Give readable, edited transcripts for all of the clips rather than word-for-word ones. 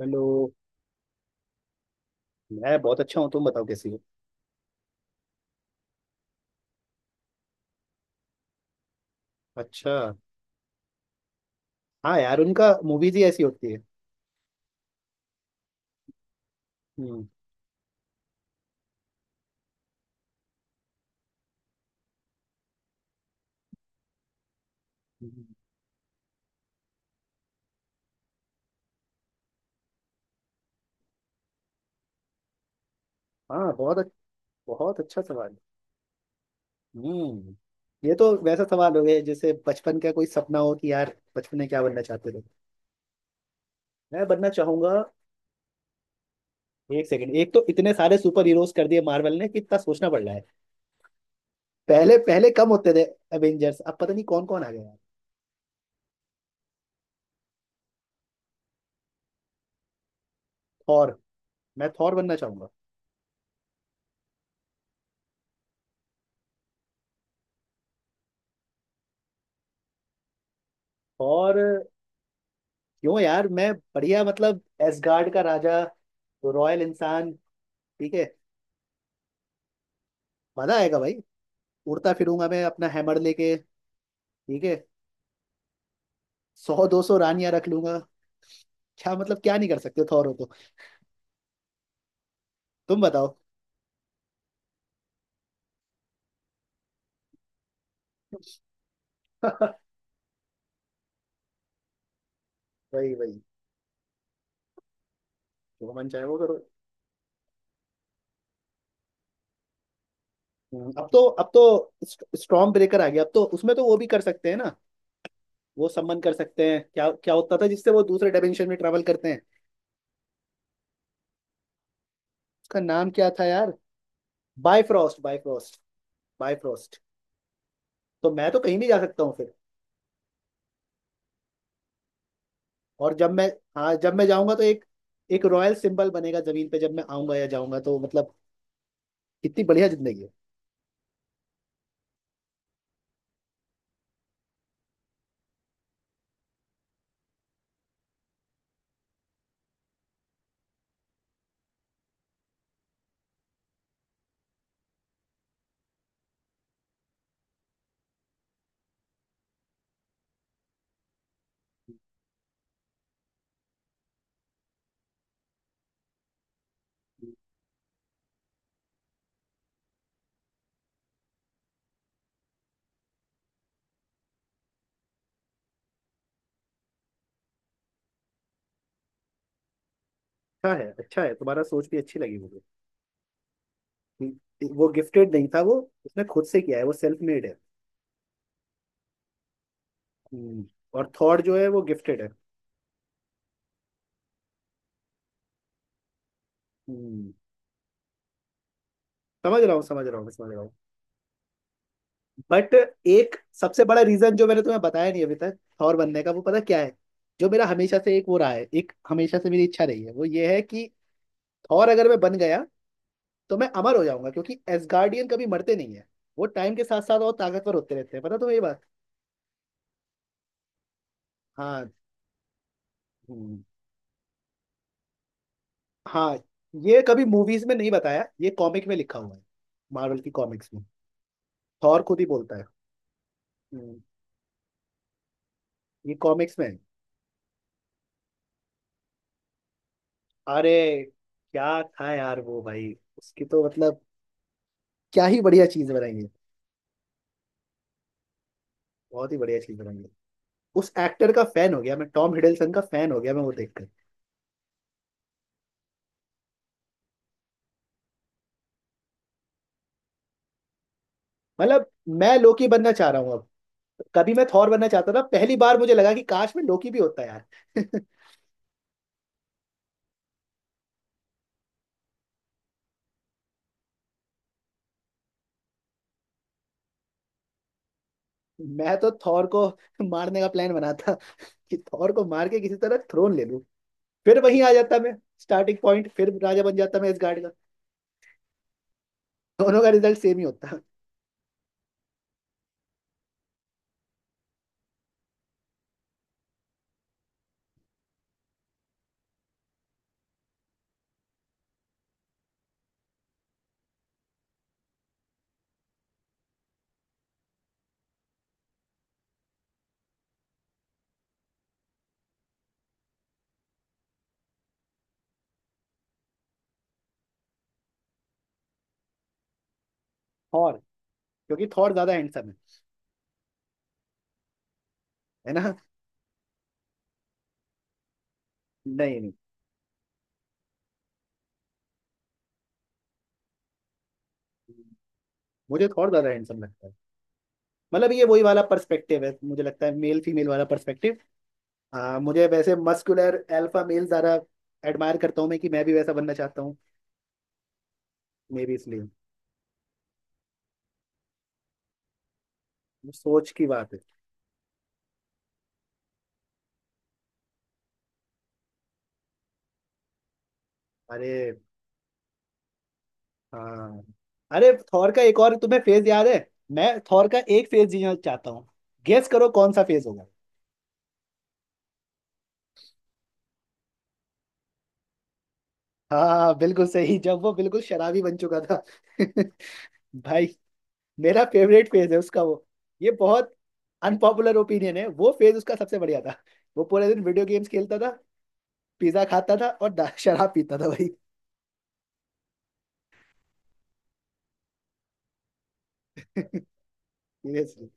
Hello. मैं बहुत अच्छा हूँ। तुम बताओ कैसी हो। अच्छा। हाँ यार, उनका मूवीज ही ऐसी होती है। हम्म। हम्म। हाँ, बहुत अच्छा सवाल। हम्म। ये तो वैसा सवाल हो गया जैसे बचपन का कोई सपना हो कि यार, बचपन में क्या बनना चाहते थे। मैं बनना चाहूंगा। एक सेकंड। एक तो इतने सारे सुपर हीरोज कर दिए मार्वल ने कि इतना सोचना पड़ रहा है। पहले पहले कम होते थे। एवेंजर्स, अब पता नहीं कौन कौन आ गया यार। थॉर। मैं थॉर बनना चाहूंगा। और क्यों यार, मैं बढ़िया मतलब एसगार्ड का राजा, रॉयल इंसान। ठीक है, मजा आएगा भाई। उड़ता फिरूंगा मैं अपना हैमर लेके। ठीक है, सौ दो सौ रानियां रख लूंगा। क्या मतलब, क्या नहीं कर सकते थॉर हो तो। तुम बताओ। वही वही। जो मन चाहे वो करो। अब तो स्टॉर्म ब्रेकर आ गया, अब तो उसमें तो वो भी कर सकते हैं ना। वो सम्मन कर सकते हैं क्या क्या होता था जिससे वो दूसरे डायमेंशन में ट्रेवल करते हैं। उसका नाम क्या था यार? Bifrost, Bifrost, Bifrost. तो मैं तो कहीं भी जा सकता हूँ फिर। और जब मैं हाँ, जब मैं जाऊंगा तो एक एक रॉयल सिंबल बनेगा जमीन पे, जब मैं आऊंगा या जाऊंगा तो मतलब कितनी बढ़िया जिंदगी है। अच्छा है, अच्छा है, तुम्हारा सोच भी अच्छी लगी मुझे, कि वो गिफ्टेड नहीं था, वो उसने खुद से किया है, वो सेल्फ मेड है। हम्म। और थॉट जो है वो गिफ्टेड है। हम्म। समझ रहा हूँ, समझ रहा हूँ, समझ रहा हूँ। बट एक सबसे बड़ा रीजन जो मैंने तुम्हें बताया नहीं अभी तक थॉर बनने का, वो पता क्या है? जो मेरा हमेशा से एक वो रहा है, एक हमेशा से मेरी इच्छा रही है, वो ये है कि थॉर अगर मैं बन गया तो मैं अमर हो जाऊंगा, क्योंकि एसगार्डियन कभी मरते नहीं है। वो टाइम के साथ साथ और ताकतवर होते रहते हैं, पता तुम्हें ये बात? हाँ। हम्म। हाँ, ये कभी मूवीज में नहीं बताया, ये कॉमिक में लिखा हुआ है, मार्वल की कॉमिक्स में। थॉर खुद ही बोलता है। हम्म। ये कॉमिक्स में है। अरे, क्या था यार वो भाई। उसकी तो मतलब क्या ही बढ़िया चीज बनाई है। बहुत ही बढ़िया चीज बनाई है। उस एक्टर का फैन हो गया मैं, टॉम हिडलसन का फैन हो गया मैं वो देखकर। मतलब मैं लोकी बनना चाह रहा हूँ अब। कभी मैं थॉर बनना चाहता था, पहली बार मुझे लगा कि काश मैं लोकी भी होता यार। मैं तो थॉर को मारने का प्लान बनाता, कि थॉर को मार के किसी तरह थ्रोन ले लूं। फिर वहीं आ जाता मैं, स्टार्टिंग पॉइंट, फिर राजा बन जाता मैं इस गार्ड का। दोनों का रिजल्ट सेम ही होता है। थॉर, क्योंकि थॉर ज्यादा हैंडसम है। है ना? नहीं नहीं, मुझे थॉर ज्यादा हैंडसम लगता है। मतलब ये वही वाला पर्सपेक्टिव है, मुझे लगता है, मेल फीमेल वाला पर्सपेक्टिव। मुझे वैसे मस्कुलर अल्फा मेल ज्यादा एडमायर करता हूँ मैं, कि मैं भी वैसा बनना चाहता हूँ मे भी, इसलिए। सोच की बात है। अरे हाँ। अरे, थॉर का एक और तुम्हें फेज याद है? मैं थॉर का एक फेज जीना चाहता हूँ। गेस करो कौन सा फेज होगा। हाँ बिल्कुल सही, जब वो बिल्कुल शराबी बन चुका था। भाई, मेरा फेवरेट फेज है उसका वो। ये बहुत अनपॉपुलर ओपिनियन है, वो फेज उसका सबसे बढ़िया था। वो पूरे दिन वीडियो गेम्स खेलता था, पिज्जा खाता था और शराब पीता था भाई। सीरियसली,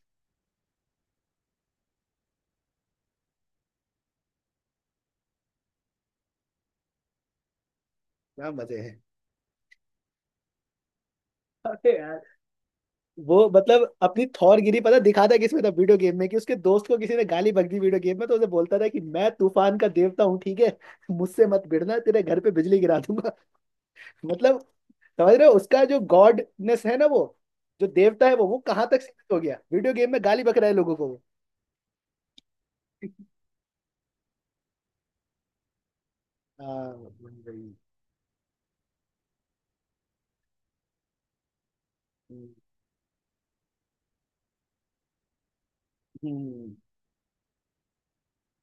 क्या मजे हैं। अरे यार, वो मतलब अपनी थौरगिरी पता दिखाता किसमें था, वीडियो गेम में। कि उसके दोस्त को किसी ने गाली बक दी वीडियो गेम में तो उसे बोलता था कि मैं तूफान का देवता हूँ, ठीक है, मुझसे मत भिड़ना, तेरे घर पे बिजली गिरा दूंगा। मतलब समझ रहे हो, उसका जो गॉडनेस है ना, वो जो देवता है वो कहाँ तक सीमित हो गया, वीडियो गेम में गाली बक रहा है लोगों को वो। हाँ, वही। हम्म। हम्म।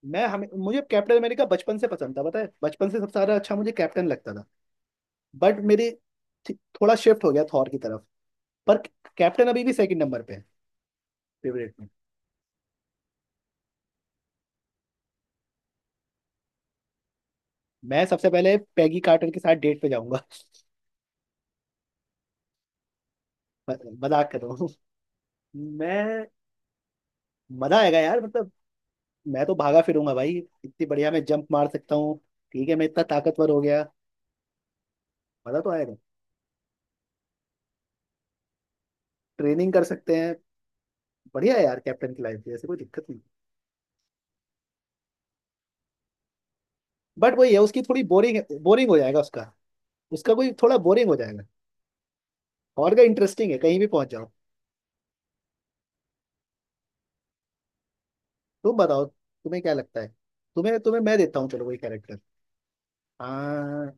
मैं हमें मुझे कैप्टन अमेरिका बचपन से पसंद था, पता है, बचपन से सबसे ज्यादा अच्छा मुझे कैप्टन लगता था। बट मेरी थी- थोड़ा शिफ्ट हो गया थॉर की तरफ। पर कैप्टन अभी भी सेकंड नंबर पे है, फेवरेट में। मैं सबसे पहले पैगी कार्टर के साथ डेट पे जाऊंगा। म- मजाक कर रहा हूँ। मैं मजा आएगा यार, मतलब मैं तो भागा फिरूंगा भाई। इतनी बढ़िया मैं जंप मार सकता हूँ, ठीक है, मैं इतना ताकतवर हो गया, मजा तो आएगा। ट्रेनिंग कर सकते हैं। बढ़िया है यार, कैप्टन की लाइफ भी ऐसे कोई दिक्कत नहीं। बट वही है, उसकी थोड़ी बोरिंग बोरिंग हो जाएगा उसका। उसका कोई थोड़ा बोरिंग हो जाएगा। और का इंटरेस्टिंग है, कहीं भी पहुंच जाओ। तुम बताओ, तुम्हें क्या लगता है। तुम्हें तुम्हें मैं देता हूँ, चलो कोई कैरेक्टर। हाँ।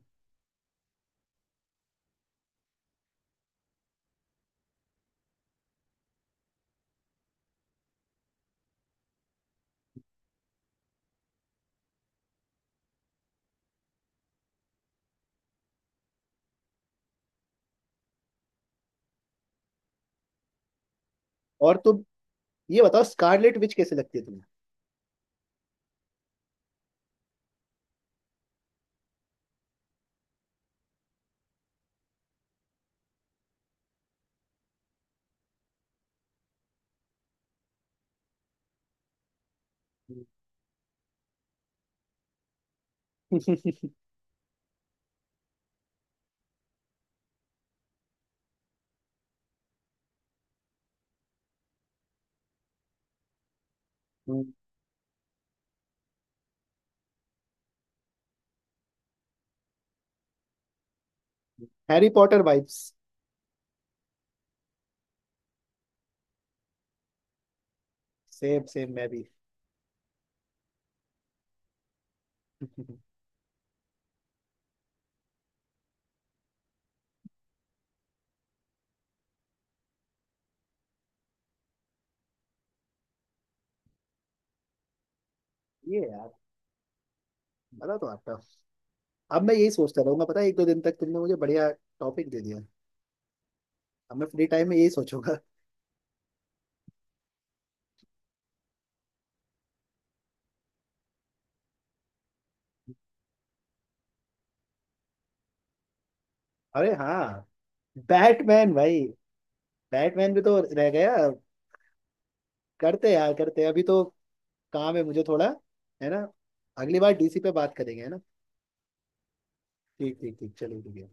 और तुम ये बताओ, स्कारलेट विच कैसे लगती है तुम्हें? Harry Potter vibes. Same same, मैं भी। ये यार, मजा तो आता है। अब मैं यही सोचता रहूंगा, पता है, एक दो दिन तक, तुमने मुझे बढ़िया टॉपिक दे दिया। अब मैं फ्री टाइम में यही सोचूंगा। अरे हाँ, बैटमैन भाई, बैटमैन भी तो रह गया। करते हैं यार, करते हैं, अभी तो काम है मुझे थोड़ा, है ना? अगली बार डीसी पे बात करेंगे, है ना? ठीक, ठीक, ठीक, चलो ठीक है।